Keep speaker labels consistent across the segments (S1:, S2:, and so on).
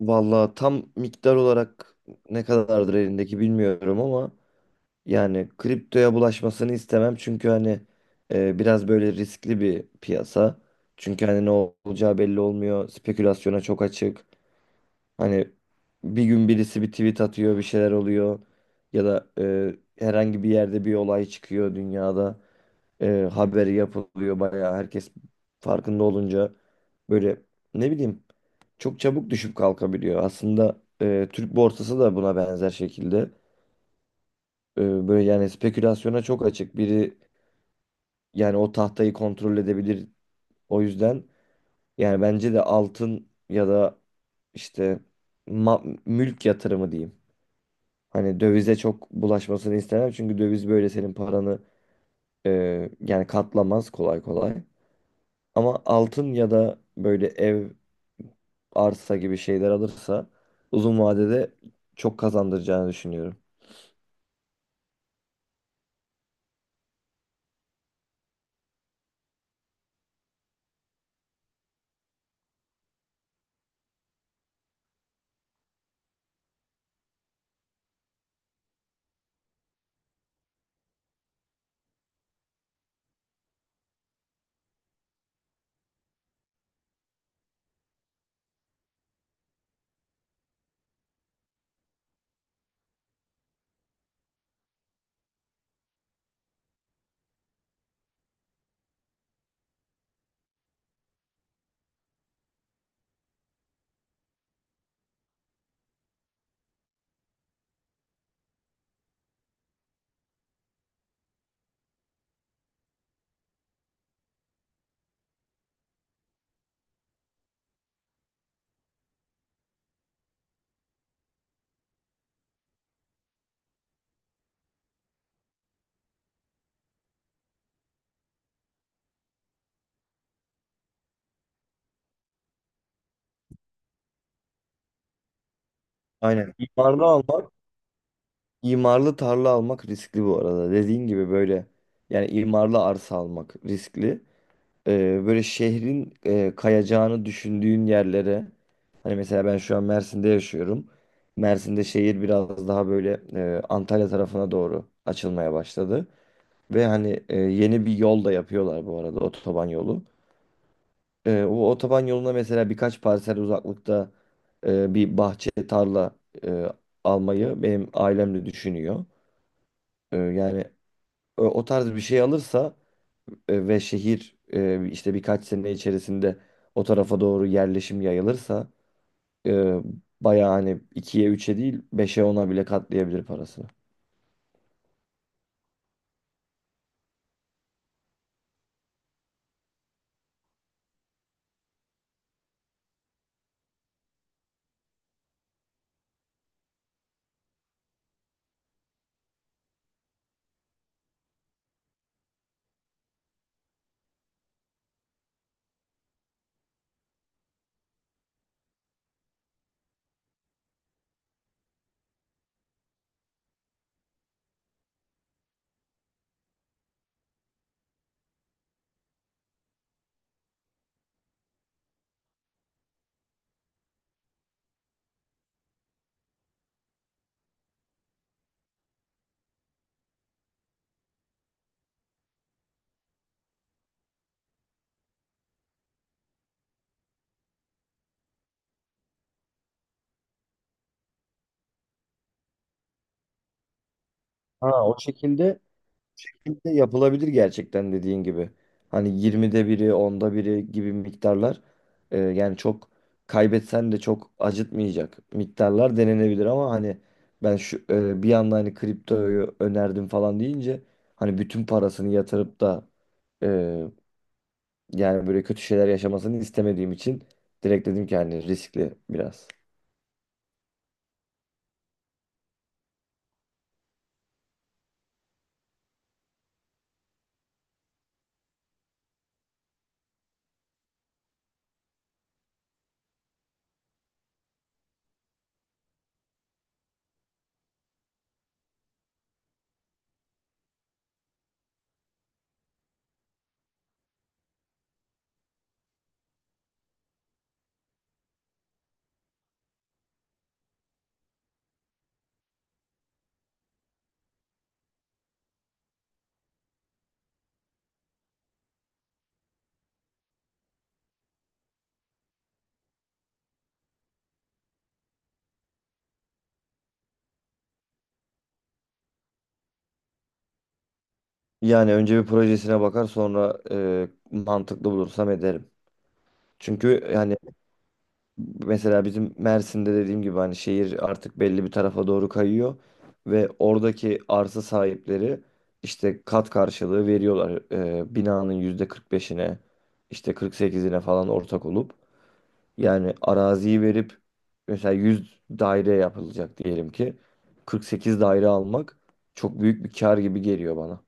S1: Vallahi tam miktar olarak ne kadardır elindeki bilmiyorum ama yani kriptoya bulaşmasını istemem çünkü hani biraz böyle riskli bir piyasa. Çünkü hani ne olacağı belli olmuyor. Spekülasyona çok açık. Hani bir gün birisi bir tweet atıyor, bir şeyler oluyor ya da herhangi bir yerde bir olay çıkıyor dünyada, e, haberi yapılıyor, bayağı herkes farkında olunca böyle, ne bileyim, çok çabuk düşüp kalkabiliyor. Aslında Türk borsası da buna benzer şekilde böyle yani spekülasyona çok açık. Biri, yani o tahtayı kontrol edebilir. O yüzden yani bence de altın ya da işte mülk yatırımı diyeyim. Hani dövize çok bulaşmasını istemem çünkü döviz böyle senin paranı e, yani katlamaz kolay kolay. Ama altın ya da böyle ev, arsa gibi şeyler alırsa uzun vadede çok kazandıracağını düşünüyorum. Aynen. İmarlı almak, imarlı tarla almak riskli bu arada. Dediğin gibi böyle yani imarlı arsa almak riskli. Böyle şehrin kayacağını düşündüğün yerlere, hani mesela ben şu an Mersin'de yaşıyorum. Mersin'de şehir biraz daha böyle Antalya tarafına doğru açılmaya başladı. Ve hani yeni bir yol da yapıyorlar bu arada, otoban yolu. O otoban yoluna mesela birkaç parsel uzaklıkta bir bahçe tarla e, almayı benim ailem de düşünüyor. Yani o tarz bir şey alırsa, ve şehir işte birkaç sene içerisinde o tarafa doğru yerleşim yayılırsa, e, bayağı hani ikiye üçe değil beşe ona bile katlayabilir parasını. Ha, o şekilde yapılabilir gerçekten, dediğin gibi. Hani 20'de biri, onda biri gibi miktarlar, yani çok kaybetsen de çok acıtmayacak miktarlar denenebilir, ama hani ben şu bir anda hani kriptoyu önerdim falan deyince, hani bütün parasını yatırıp da e, yani böyle kötü şeyler yaşamasını istemediğim için direkt dedim ki hani riskli biraz. Yani önce bir projesine bakar, sonra mantıklı bulursam ederim. Çünkü yani, mesela bizim Mersin'de dediğim gibi hani şehir artık belli bir tarafa doğru kayıyor ve oradaki arsa sahipleri işte kat karşılığı veriyorlar, binanın yüzde 45'ine, işte 48'ine falan ortak olup, yani araziyi verip mesela 100 daire yapılacak diyelim ki, 48 daire almak çok büyük bir kar gibi geliyor bana.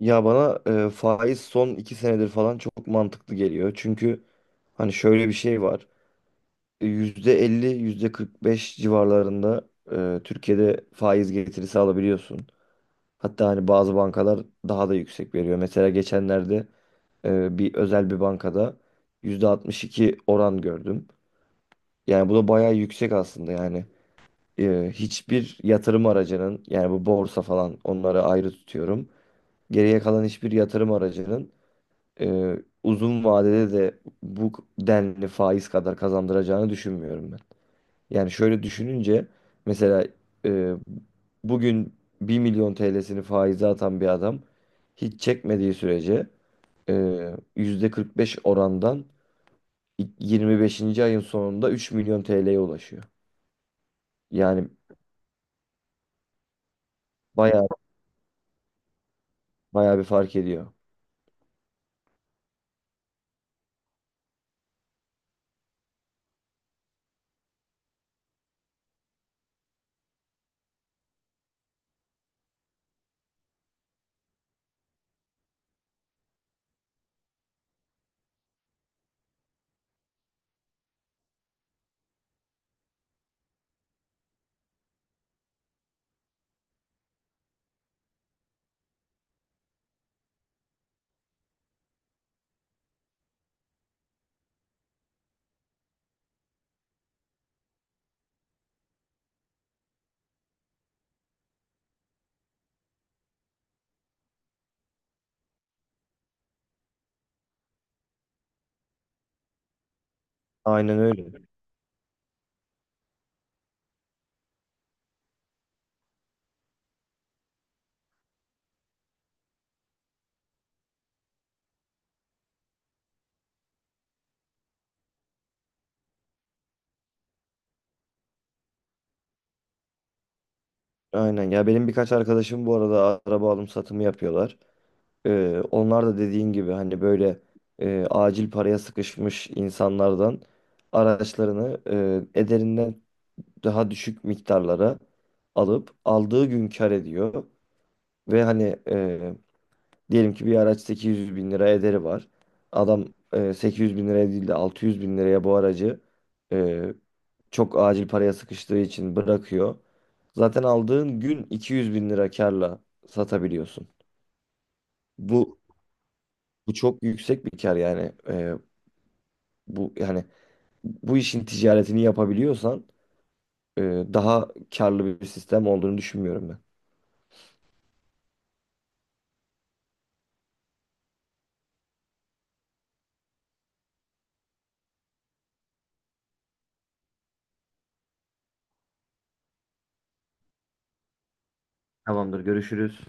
S1: Ya bana faiz son 2 senedir falan çok mantıklı geliyor çünkü hani şöyle bir şey var. %50, %45 civarlarında Türkiye'de faiz getirisi alabiliyorsun. Hatta hani bazı bankalar daha da yüksek veriyor. Mesela geçenlerde bir özel bir bankada %62 oran gördüm. Yani bu da bayağı yüksek aslında yani. Hiçbir yatırım aracının, yani bu borsa falan, onları ayrı tutuyorum. Geriye kalan hiçbir yatırım aracının e, uzun vadede de bu denli faiz kadar kazandıracağını düşünmüyorum. Yani şöyle düşününce, mesela e, bugün 1.000.000 TL'sini faize atan bir adam hiç çekmediği sürece, e, %45 orandan 25. ayın sonunda 3.000.000 TL'ye ulaşıyor. Yani bayağı bayağı bir fark ediyor. Aynen öyle. Aynen. Ya benim birkaç arkadaşım bu arada araba alım satımı yapıyorlar. Onlar da dediğin gibi hani böyle acil paraya sıkışmış insanlardan araçlarını ederinden daha düşük miktarlara alıp aldığı gün kar ediyor. Ve hani diyelim ki bir araç 800 bin lira ederi var. Adam 800 bin liraya değil de 600 bin liraya bu aracı e, çok acil paraya sıkıştığı için bırakıyor. Zaten aldığın gün 200 bin lira karla satabiliyorsun. Bu Bu çok yüksek bir kar yani. Bu yani bu işin ticaretini yapabiliyorsan, e, daha karlı bir sistem olduğunu düşünmüyorum ben. Tamamdır, görüşürüz.